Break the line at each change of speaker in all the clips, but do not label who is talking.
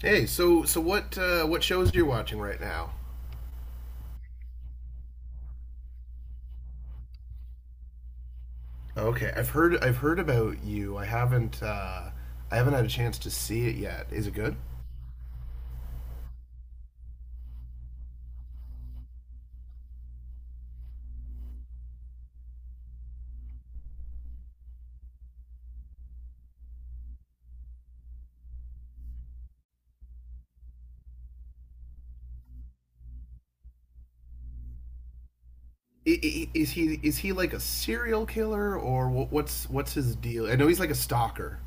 Hey, so what shows are you watching right now? Okay, I've heard about you. I haven't had a chance to see it yet. Is it good? Is he like a serial killer or what's his deal? I know he's like a stalker.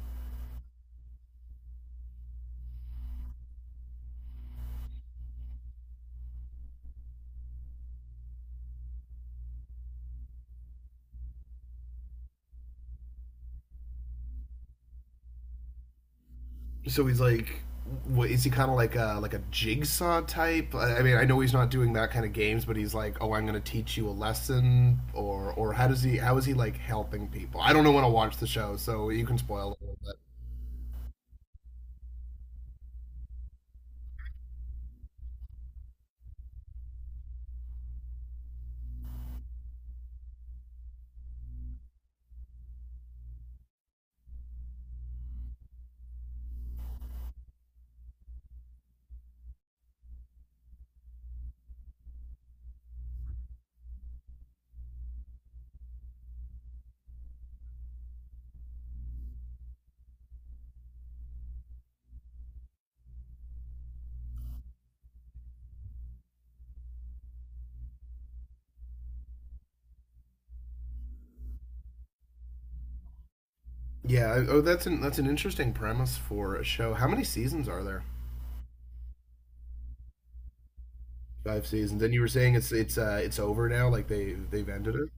So he's like, what, is he kind of like a jigsaw type? I mean, I know he's not doing that kind of games, but he's like, oh, I'm going to teach you a lesson, or how does he how is he like helping people? I don't know when to watch the show, so you can spoil it a little bit. Yeah. Oh, that's an interesting premise for a show. How many seasons are there? Five seasons. And you were saying it's it's over now. Like they've ended it.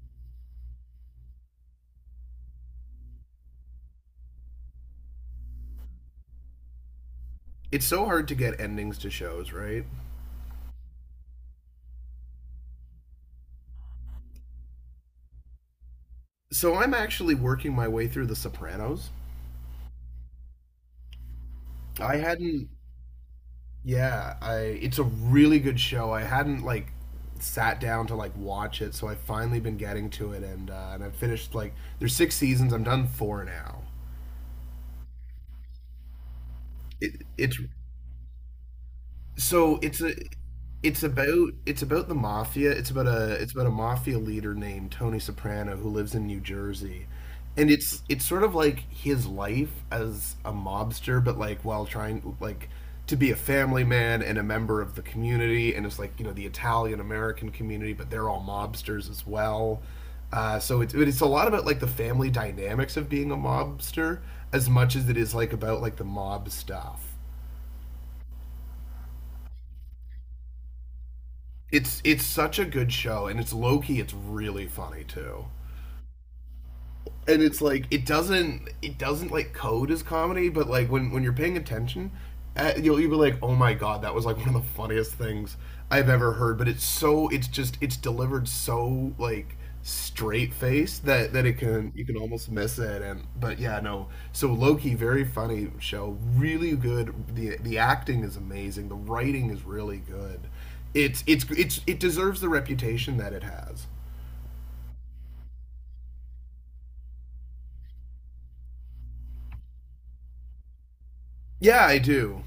It's so hard to get endings to shows, right? So I'm actually working my way through The Sopranos. I hadn't. Yeah. I. It's a really good show. I hadn't like sat down to like watch it, so I've finally been getting to it, and I've finished like there's six seasons. I'm done four now. It's so it's a it's about the mafia. It's about a mafia leader named Tony Soprano who lives in New Jersey. And it's sort of like his life as a mobster but like while trying like to be a family man and a member of the community and it's like, you know, the Italian American community, but they're all mobsters as well. So it's a lot about like the family dynamics of being a mobster as much as it is like about like the mob stuff. It's such a good show, and it's low key. It's really funny too, and it's like it doesn't like code as comedy, but like when you're paying attention, you'll be like, oh my god, that was like one of the funniest things I've ever heard. But it's so it's just it's delivered so like straight face that it can you can almost miss it. And but yeah, no, so Loki, very funny show, really good, the acting is amazing, the writing is really good. It's it's it deserves the reputation that it has. Yeah, I do.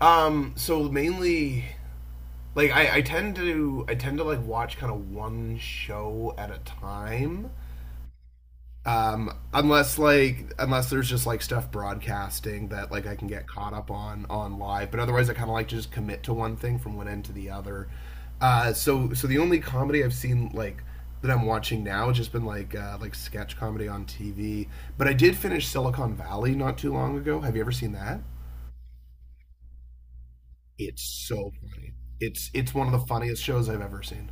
So mainly, like I tend to like watch kind of one show at a time. Unless like unless there's just like stuff broadcasting that like I can get caught up on live, but otherwise I kind of like to just commit to one thing from one end to the other. So the only comedy I've seen like that I'm watching now has just been like sketch comedy on TV. But I did finish Silicon Valley not too long ago. Have you ever seen that? It's so funny. It's one of the funniest shows I've ever seen.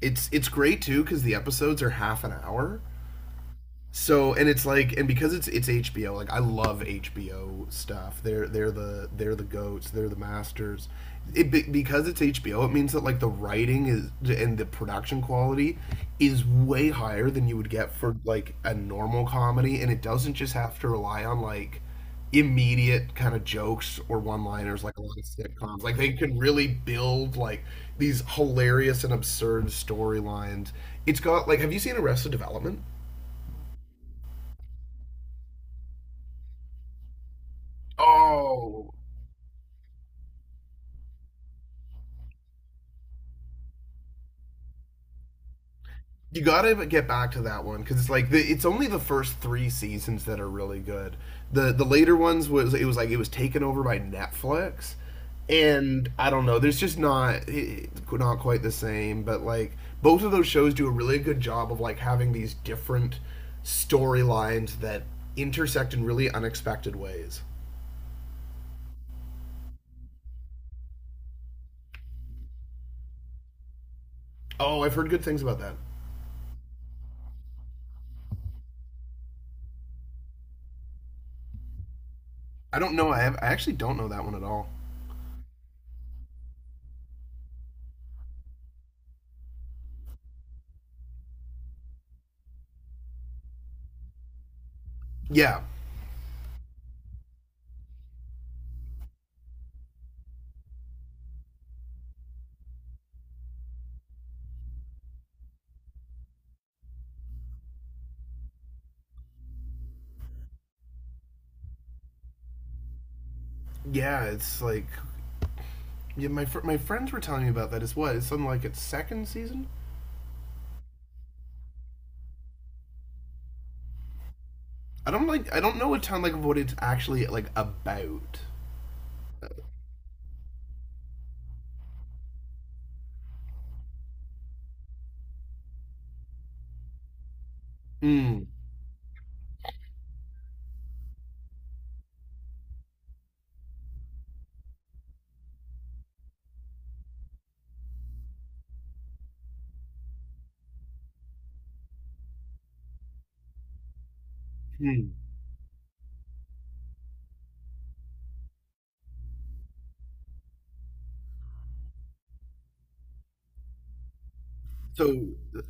It's great too because the episodes are half an hour, so. And it's like, and because it's HBO, like I love HBO stuff. They're the goats. They're the masters. It, because it's HBO, it means that like the writing is and the production quality is way higher than you would get for like a normal comedy, and it doesn't just have to rely on like immediate kind of jokes or one-liners like a lot of sitcoms. Like they can really build like these hilarious and absurd storylines. It's got like, have you seen Arrested Development? Oh, you gotta get back to that one because it's like the, it's only the first three seasons that are really good. The later ones was, it was like it was taken over by Netflix, and I don't know. There's just not it, not quite the same. But like both of those shows do a really good job of like having these different storylines that intersect in really unexpected ways. Oh, I've heard good things about that. I don't know. I have, I actually don't know that one at all. Yeah, yeah. It's like, yeah, my my friends were telling me about that. It's what, it's something like its second season. I don't like, I don't know a ton like of what it's actually like about. Mm. Mm. So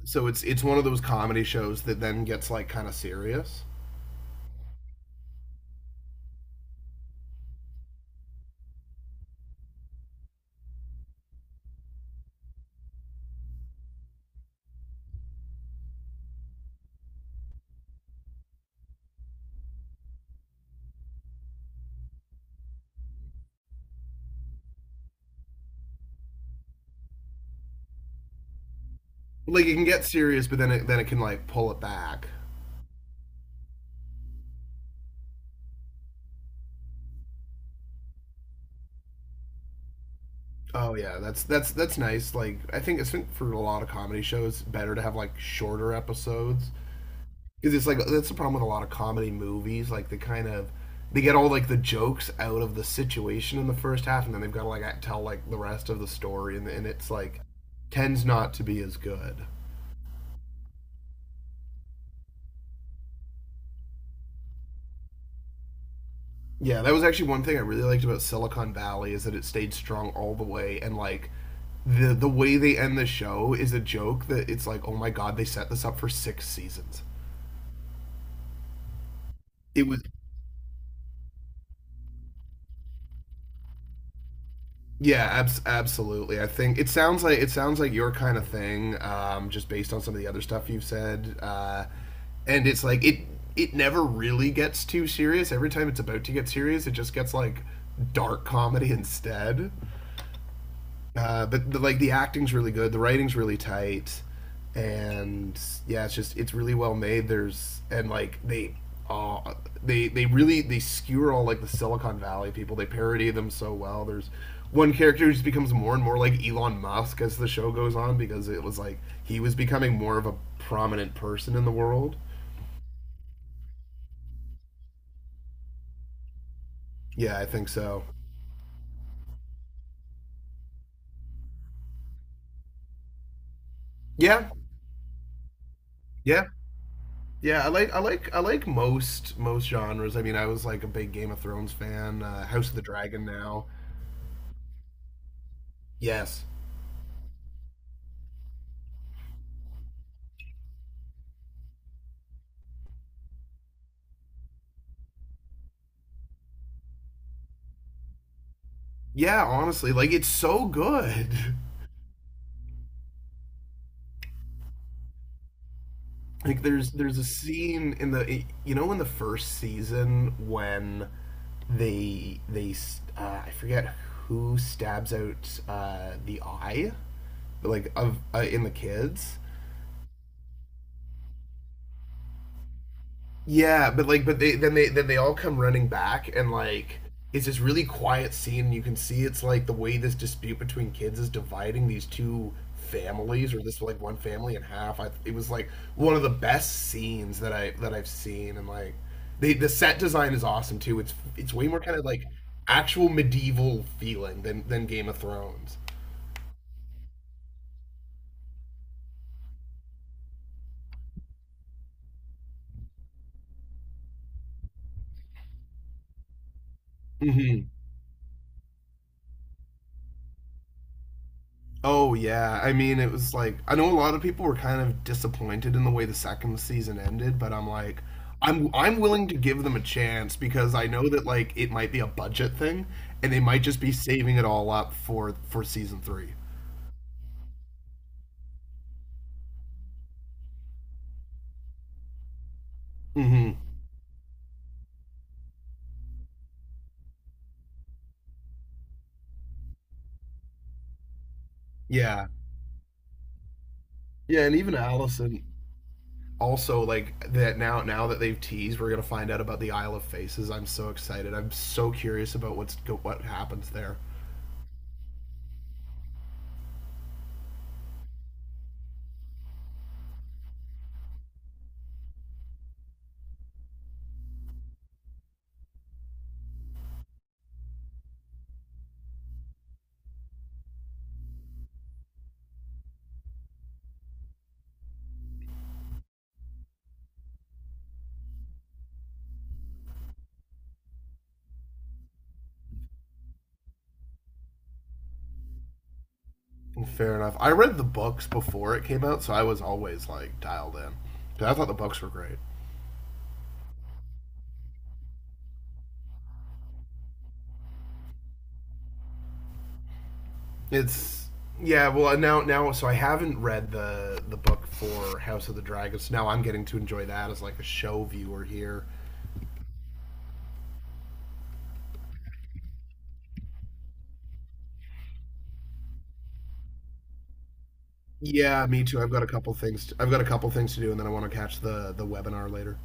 so it's one of those comedy shows that then gets like kind of serious. Like it can get serious, but then it can like pull it back. Oh yeah, that's that's nice. Like I think it's for a lot of comedy shows better to have like shorter episodes, because it's like that's the problem with a lot of comedy movies. Like they kind of, they get all like the jokes out of the situation in the first half, and then they've got to like tell like the rest of the story, and it's like tends not to be as good. Yeah, that was actually one thing I really liked about Silicon Valley is that it stayed strong all the way, and like the way they end the show is a joke that it's like, oh my god, they set this up for six seasons. It was. Yeah, absolutely. I think it sounds like, it sounds like your kind of thing, just based on some of the other stuff you've said. And it's like it never really gets too serious. Every time it's about to get serious, it just gets like dark comedy instead. But the, like the acting's really good, the writing's really tight, and yeah, it's just it's really well made. There's, and like they uh, they really, they skewer all like the Silicon Valley people. They parody them so well. There's one character who just becomes more and more like Elon Musk as the show goes on, because it was like he was becoming more of a prominent person in the world. Yeah, I think so. Yeah, yeah, yeah. I like I like most most genres. I mean, I was like a big Game of Thrones fan, House of the Dragon now. Yes. Yeah, honestly, like it's so good. Like there's a scene in the, you know, in the first season when I forget who stabs out the eye, like of in the kids. Yeah, but like, but they, then they all come running back, and like, it's this really quiet scene. You can see it's like the way this dispute between kids is dividing these two families, or this like one family in half. I, it was like one of the best scenes that I've seen, and like, they, the set design is awesome too. It's way more kind of like actual medieval feeling than Game of Thrones. hmm Oh yeah, I mean it was like, I know a lot of people were kind of disappointed in the way the second season ended, but I'm like, I'm willing to give them a chance because I know that like it might be a budget thing, and they might just be saving it all up for season 3. Mhm. Yeah. Yeah, and even Allison also, like that, now that they've teased, we're going to find out about the Isle of Faces. I'm so excited. I'm so curious about what happens there. Fair enough. I read the books before it came out, so I was always like dialed in. I thought the books were great. It's, yeah. Well, now so I haven't read the book for House of the Dragons. Now I'm getting to enjoy that as like a show viewer here. Yeah, me too. I've got a couple things. To, I've got a couple things to do, and then I want to catch the webinar later.